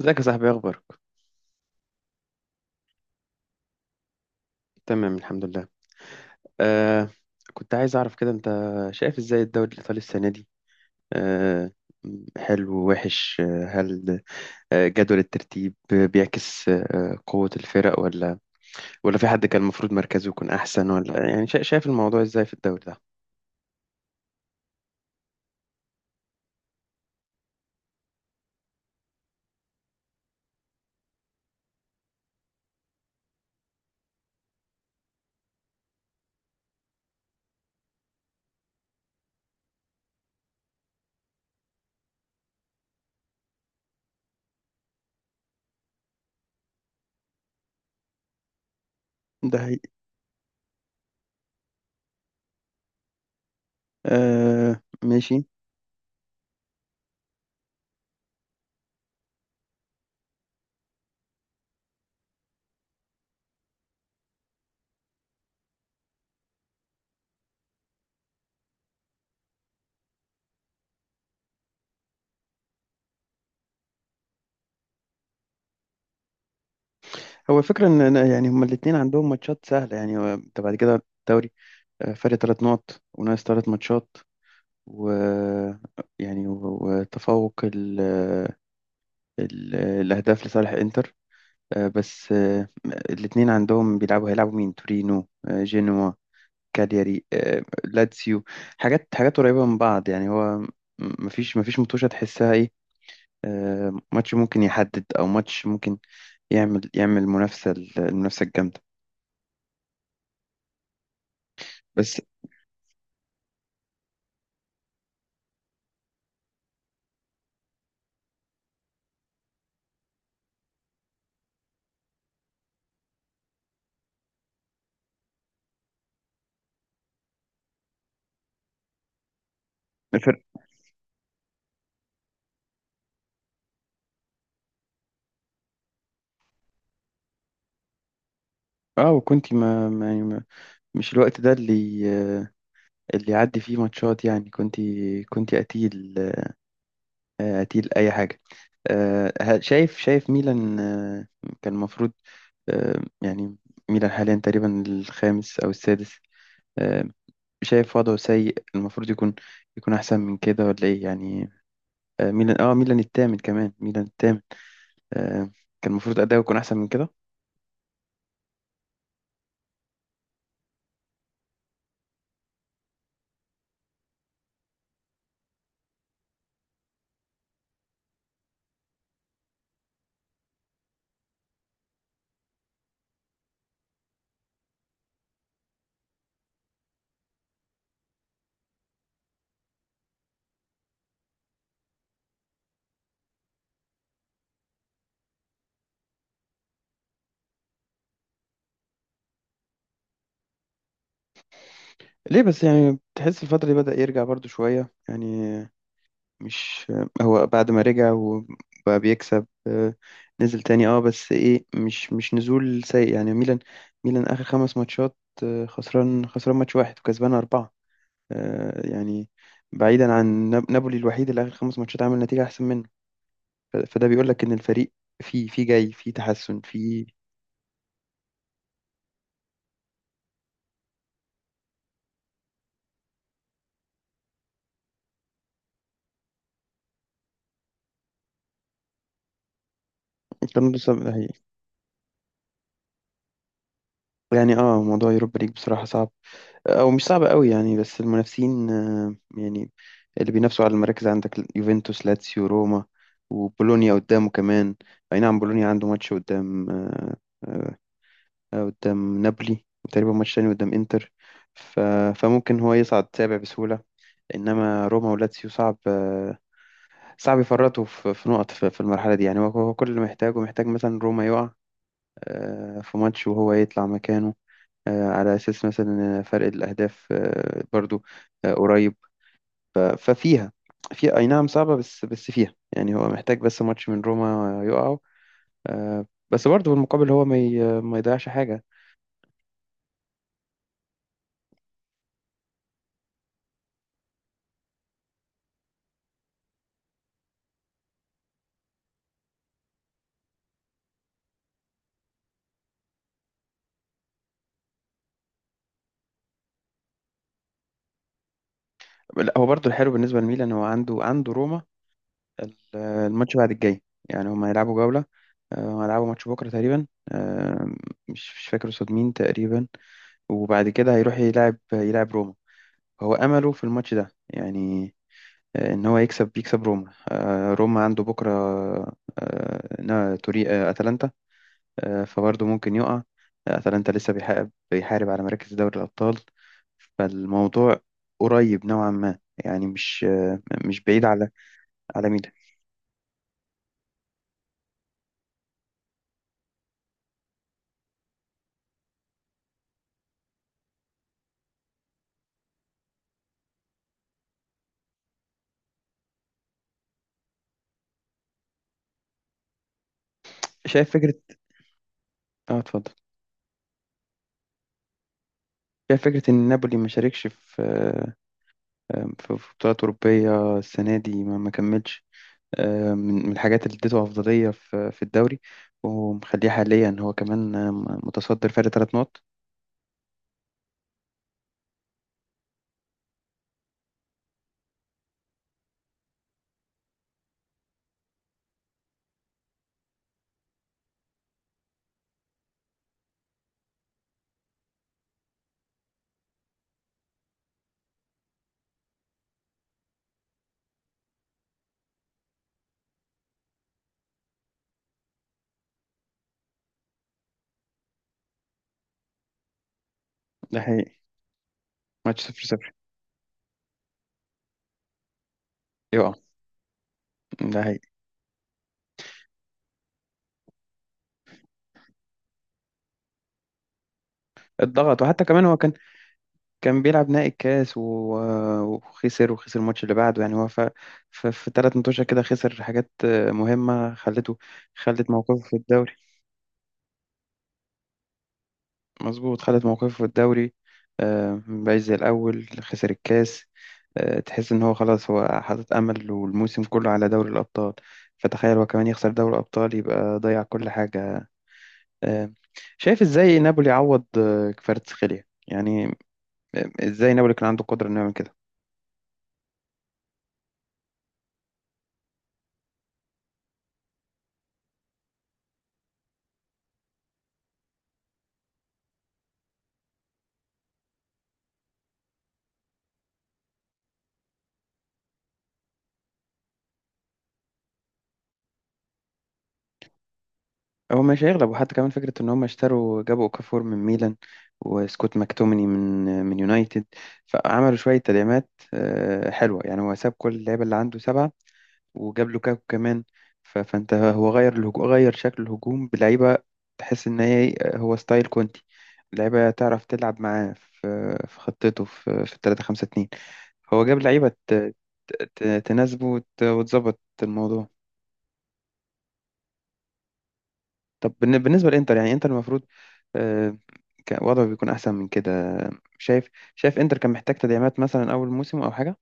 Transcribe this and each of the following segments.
ازيك يا صاحبي؟ إيه اخبارك؟ تمام الحمد لله. آه. كنت عايز اعرف كده انت شايف ازاي الدوري الايطالي السنه دي؟ آه. حلو ووحش. هل جدول الترتيب بيعكس قوه الفرق، ولا في حد كان المفروض مركزه يكون احسن؟ ولا يعني شايف الموضوع ازاي في الدوري ده؟ ده حقيقي. آه ماشي. هو الفكرة إن أنا يعني هما الاتنين عندهم ماتشات سهلة، يعني هو أنت بعد كده الدوري فرق 3 نقط وناقص 3 ماتشات و يعني وتفوق الأهداف لصالح إنتر، بس الاتنين عندهم هيلعبوا مين؟ تورينو، جينوا، كالياري، لاتسيو. حاجات قريبة من بعض يعني هو مفيش متوشة تحسها إيه. ماتش ممكن يحدد، أو ماتش ممكن يعمل منافسة، المنافسة الجامدة. بس فرق. اه وكنت ما ما- يعني ما مش الوقت ده آه، اللي يعدي فيه ماتشات يعني كنت قتيل، أتيل أي حاجة. شايف ميلان. كان المفروض يعني ميلان حاليا تقريبا الخامس أو السادس، آه، شايف وضعه سيء، المفروض يكون أحسن من كده ولا إيه يعني؟ ميلان آه ميلان التامن، كمان ميلان التامن. آه، كان المفروض أداؤه يكون أحسن من كده. ليه بس يعني؟ تحس الفترة دي بدأ يرجع برضو شوية يعني. مش هو بعد ما رجع وبقى بيكسب، نزل تاني، اه بس ايه مش نزول سيء يعني. ميلان ميلان اخر 5 ماتشات، خسران ماتش 1 وكسبان 4، يعني بعيدا عن نابولي الوحيد اللي اخر 5 ماتشات عامل نتيجة احسن منه. فده بيقول لك ان الفريق في جاي في تحسن في. كان لسه- هي- يعني اه موضوع يوروبا ليج بصراحة صعب، او مش صعبة قوي يعني، بس المنافسين يعني اللي بينافسوا على المراكز عندك يوفنتوس، لاتسيو، روما، وبولونيا قدامه كمان. اي نعم بولونيا عنده ماتش قدام قدام نابولي، وتقريبا ماتش تاني قدام انتر، ف... فممكن هو يصعد سابع بسهولة. انما روما ولاتسيو صعب، صعب يفرطوا في نقط في المرحلة دي يعني. هو كل اللي محتاجه، محتاج مثلا روما يقع في ماتش وهو يطلع مكانه، على أساس مثلا فرق الأهداف برضو قريب. ففيها، في أي نعم صعبة، بس فيها يعني. هو محتاج بس ماتش من روما يقعوا، بس برضو بالمقابل هو ما يضيعش حاجة. لا، هو برضو الحلو بالنسبة لميلان، هو عنده روما الماتش بعد الجاي. يعني هما هيلعبوا جولة، هيلعبوا ماتش بكرة تقريبا، مش فاكر قصاد مين تقريبا. وبعد كده هيروح يلعب روما. هو أمله في الماتش ده يعني، ان هو بيكسب روما. روما عنده بكره آه، نا- توري آه، اتلانتا، فبرضه ممكن يقع. اتلانتا لسه بيحارب على مراكز دوري الابطال، فالموضوع قريب نوعا ما يعني. مش مش بعيد على على ميلان. شايف فكره؟ اه اتفضل. شايف فكره ان نابولي ما شاركش في آه، آه، في في بطولات اوروبيه السنه دي، ما كملش من الحاجات اللي اديته أفضلية في الدوري، ومخليه حاليا هو كمان متصدر فرق 3 نقط. ده حقيقي. ماتش 0-0. يقع. ده حقيقي. اتضغط، وحتى كمان هو كان بيلعب نهائي الكاس وخسر الماتش اللي بعده يعني. هو ف في 3 ماتشات كده خسر حاجات مهمة، خلت موقفه في الدوري. مظبوط، خدت موقفه في الدوري مبقاش زي الأول. خسر الكاس تحس إن هو خلاص هو حاطط أمل والموسم كله على دوري الأبطال. فتخيل هو كمان يخسر دوري الأبطال، يبقى ضيع كل حاجة. آه، شايف إزاي نابولي عوض كفاراتسخيليا يعني، إزاي نابولي كان عنده قدرة إنه يعمل كده. هو مش هيغلب، وحتى كمان فكرة إن هم اشتروا، جابوا أوكافور من ميلان، وسكوت ماكتوميني من من يونايتد. فعملوا شوية تدعيمات حلوة، يعني هو ساب كل اللعيبة اللي عنده 7، وجاب لوكاكو كمان. فانت هو غير الهجوم، غير شكل الهجوم بلعيبه. تحس ان هي هو ستايل كونتي، لعيبه تعرف تلعب معاه في خطته في 3 5 2. هو جاب لعيبه تناسبه وتظبط الموضوع. طب بالنسبه للانتر، يعني انتر المفروض، آه، كان وضعه بيكون احسن من كده. شايف شايف انتر كان محتاج تدعيمات مثلا اول موسم او حاجه.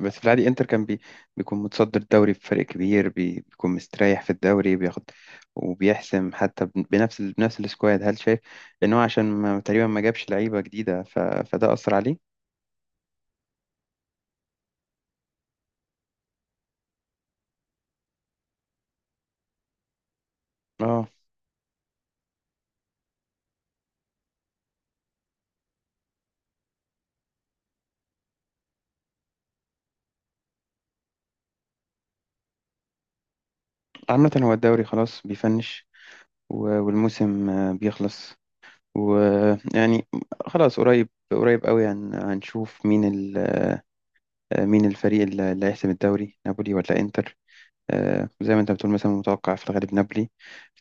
بس في العادي انتر كان بيكون متصدر الدوري بفرق كبير، بيكون مستريح في الدوري بياخد وبيحسم حتى بنفس بنفس السكواد. هل شايف ان هو عشان ما... تقريبا ما جابش لعيبة جديدة، فده أثر عليه؟ اه. عامة هو الدوري خلاص بيفنش، والموسم بيخلص ويعني خلاص، قريب قوي، هنشوف مين ال... آه، مين الفريق اللي هيحسم الدوري، نابولي ولا انتر؟ زي ما انت بتقول مثلا متوقع في الغالب نابولي.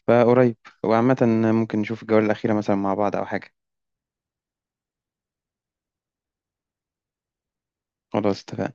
فقريب، وعامة ممكن نشوف الجولة الأخيرة مثلا مع بعض أو حاجة. خلاص اتفقنا.